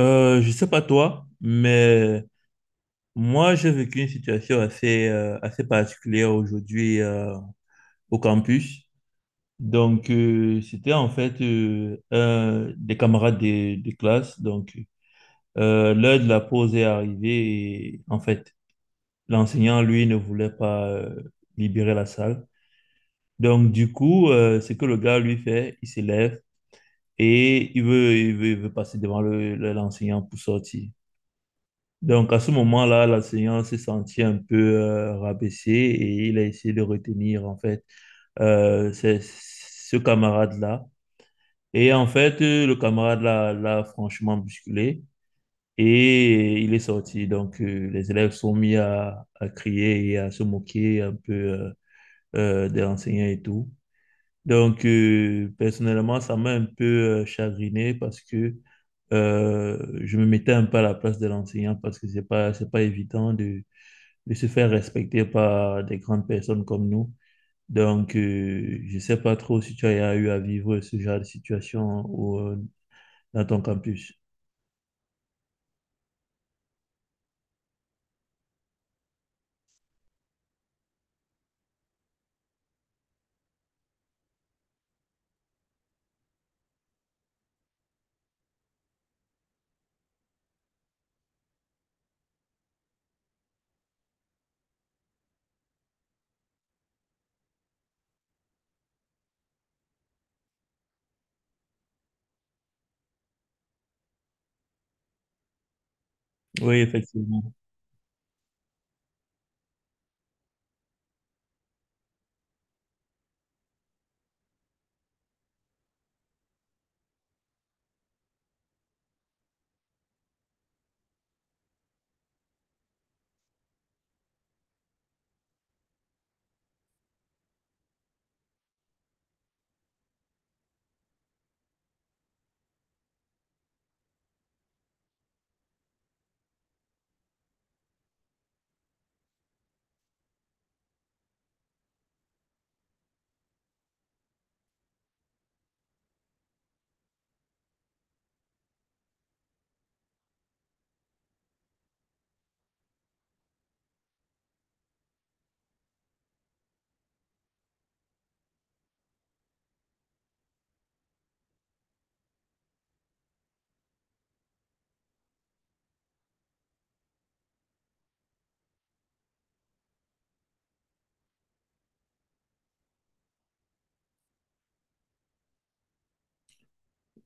Je sais pas toi, mais moi j'ai vécu une situation assez, assez particulière aujourd'hui au campus. Donc c'était en fait un des camarades de classe. Donc l'heure de la pause est arrivée et en fait l'enseignant lui ne voulait pas libérer la salle. Donc du coup ce que le gars lui fait, il s'élève et il veut passer devant l'enseignant pour sortir. Donc, à ce moment-là, l'enseignant s'est senti un peu rabaissé et il a essayé de retenir, en fait, ce camarade-là. Et en fait, le camarade l'a franchement bousculé et il est sorti. Donc, les élèves sont mis à crier et à se moquer un peu de l'enseignant et tout. Donc, personnellement, ça m'a un peu chagriné parce que je me mettais un peu à la place de l'enseignant parce que c'est pas évident de se faire respecter par des grandes personnes comme nous. Donc, je ne sais pas trop si tu as eu à vivre ce genre de situation dans ton campus. Oui, effectivement.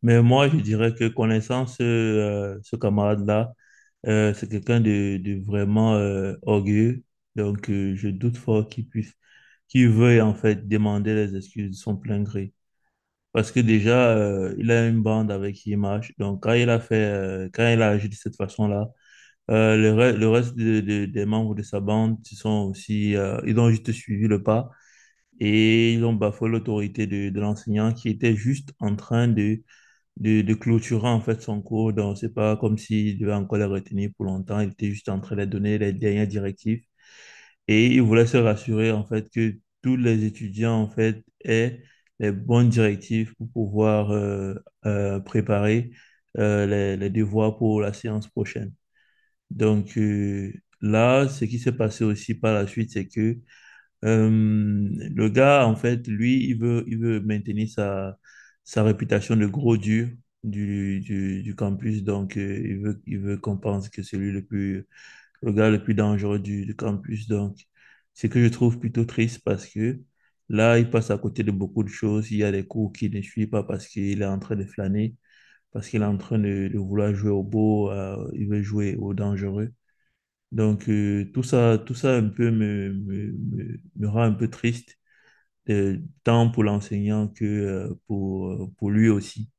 Mais moi, je dirais que connaissant ce camarade-là, c'est quelqu'un de vraiment orgueilleux. Donc, je doute fort qu'il puisse, qu'il veuille en fait demander les excuses de son plein gré. Parce que déjà, il a une bande avec qui il marche. Donc, quand il a fait, quand il a agi de cette façon-là, le reste des membres de sa bande, ils sont aussi, ils ont juste suivi le pas et ils ont bafoué l'autorité de l'enseignant qui était juste en train de clôturer en fait son cours. Donc, c'est pas comme s'il devait encore les retenir pour longtemps. Il était juste en train de donner les dernières directives et il voulait se rassurer en fait que tous les étudiants en fait aient les bonnes directives pour pouvoir préparer les devoirs pour la séance prochaine. Donc là, ce qui s'est passé aussi par la suite, c'est que le gars, en fait, lui, il veut maintenir sa, sa réputation de gros dur du campus. Donc, il veut qu'on pense que c'est lui le plus, le gars le plus dangereux du campus. Donc, ce que je trouve plutôt triste parce que là, il passe à côté de beaucoup de choses. Il y a des cours qu'il ne suit pas parce qu'il est en train de flâner, parce qu'il est en train de vouloir jouer au beau, il veut jouer au dangereux. Donc, tout ça un peu me rend un peu triste, euh, tant pour l'enseignant que pour lui aussi.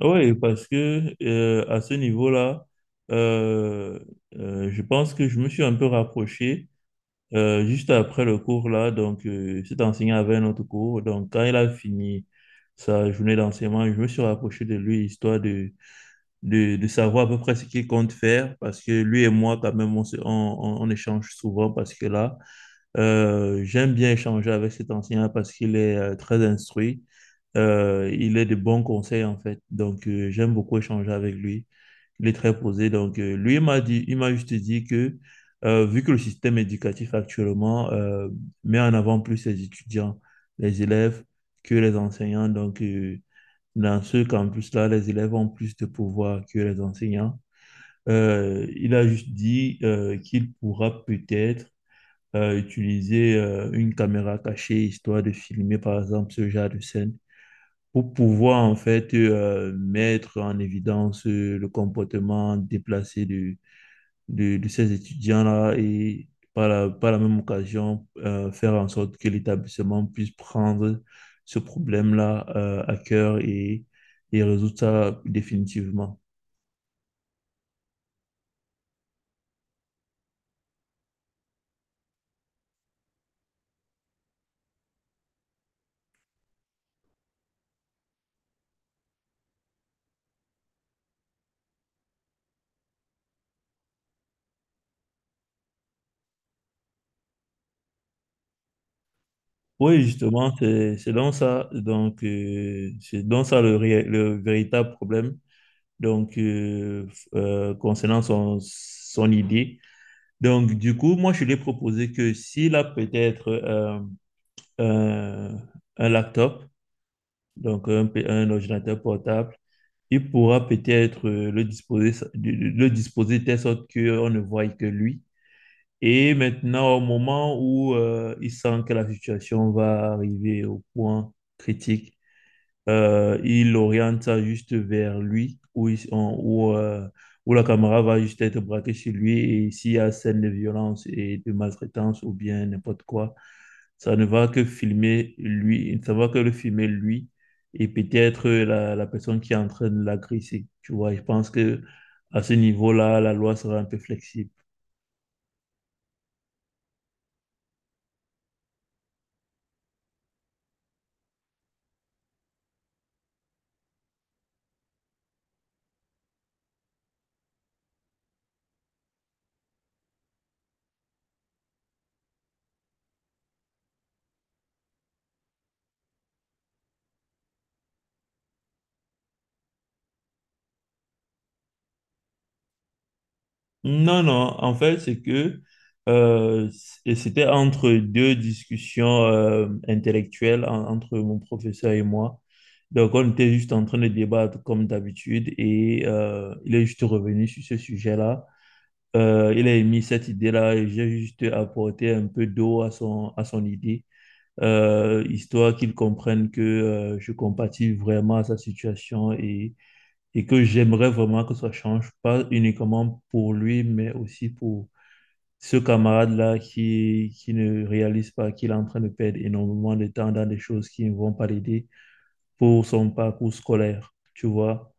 Oui, parce que à ce niveau-là, euh, je pense que je me suis un peu rapproché juste après le cours là. Donc, cet enseignant avait un autre cours. Donc, quand il a fini sa journée d'enseignement, je me suis rapproché de lui histoire de de savoir à peu près ce qu'il compte faire, parce que lui et moi, quand même, on, se- on échange souvent, parce que là, j'aime bien échanger avec cet ancien parce qu'il est très instruit. Il est de bons conseils, en fait, donc j'aime beaucoup échanger avec lui, il est très posé, donc lui, il m'a juste dit que, vu que le système éducatif actuellement met en avant plus les étudiants, les élèves, que les enseignants, donc dans ce campus-là, les élèves ont plus de pouvoir que les enseignants. Il a juste dit qu'il pourra peut-être utiliser une caméra cachée, histoire de filmer par exemple ce genre de scène, pour pouvoir en fait mettre en évidence le comportement déplacé de ces étudiants-là et par la même occasion faire en sorte que l'établissement puisse prendre ce problème-là à cœur et résoudre ça définitivement. Oui, justement, c'est donc ça, donc c'est donc ça le véritable problème. Donc concernant son idée. Donc du coup, moi je lui ai proposé que s'il a peut-être un, un laptop, donc un ordinateur portable, il pourra peut-être le disposer de telle sorte qu'on ne voie que lui. Et maintenant, au moment où il sent que la situation va arriver au point critique il oriente ça juste vers lui, où, il- on- où, où la caméra va juste être braquée chez lui. Et s'il y a scène de violence et de maltraitance ou bien n'importe quoi, ça ne va que filmer lui, ça va que le filmer lui et peut-être la personne qui est en train de l'agresser. Tu vois, je pense que à ce niveau-là, la loi sera un peu flexible. Non, non, en fait, c'est que c'était entre deux discussions intellectuelles entre mon professeur et moi. Donc, on était juste en train de débattre comme d'habitude et il est juste revenu sur ce sujet-là. Il a émis cette idée-là et j'ai juste apporté un peu d'eau à son idée, histoire qu'il comprenne que je compatis vraiment à sa situation et que j'aimerais vraiment que ça change, pas uniquement pour lui, mais aussi pour ce camarade-là qui ne réalise pas qu'il est en train de perdre énormément de temps dans des choses qui ne vont pas l'aider pour son parcours scolaire, tu vois.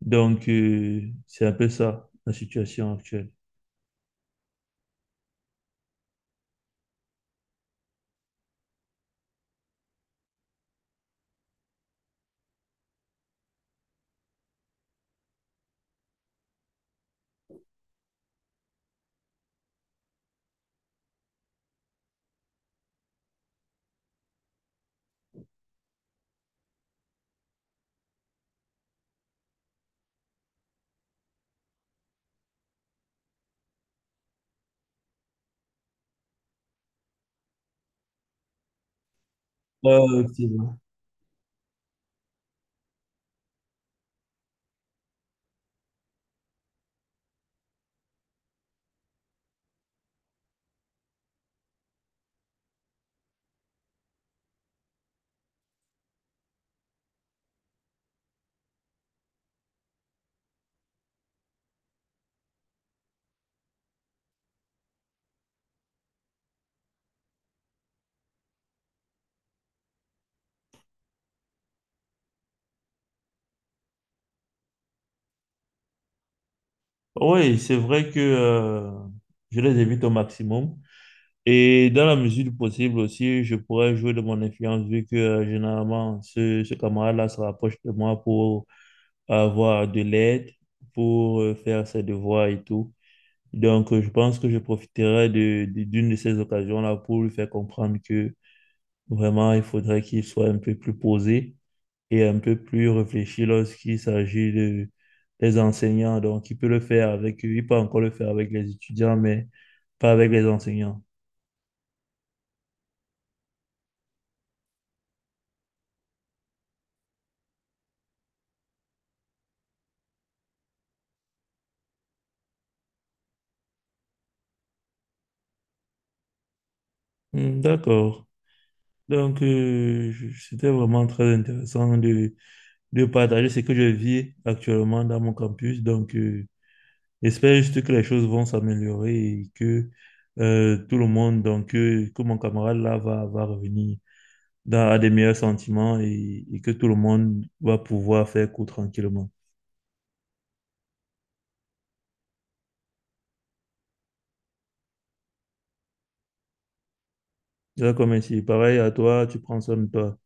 Donc, c'est un peu ça, la situation actuelle. C'est vrai. Oui, c'est vrai que je les évite au maximum. Et dans la mesure du possible aussi, je pourrais jouer de mon influence vu que généralement ce camarade-là se rapproche de moi pour avoir de l'aide pour faire ses devoirs et tout. Donc, je pense que je profiterai d'une de ces occasions-là pour lui faire comprendre que vraiment, il faudrait qu'il soit un peu plus posé et un peu plus réfléchi lorsqu'il s'agit des enseignants. Donc, il peut le faire avec eux, il peut encore le faire avec les étudiants, mais pas avec les enseignants. Hmm, d'accord. Donc, c'était vraiment très intéressant de partager ce que je vis actuellement dans mon campus. Donc, j'espère juste que les choses vont s'améliorer et que tout le monde, donc que mon camarade là va revenir dans, à des meilleurs sentiments et que tout le monde va pouvoir faire court tranquillement. D'accord, merci. Pareil à toi, tu prends soin de toi.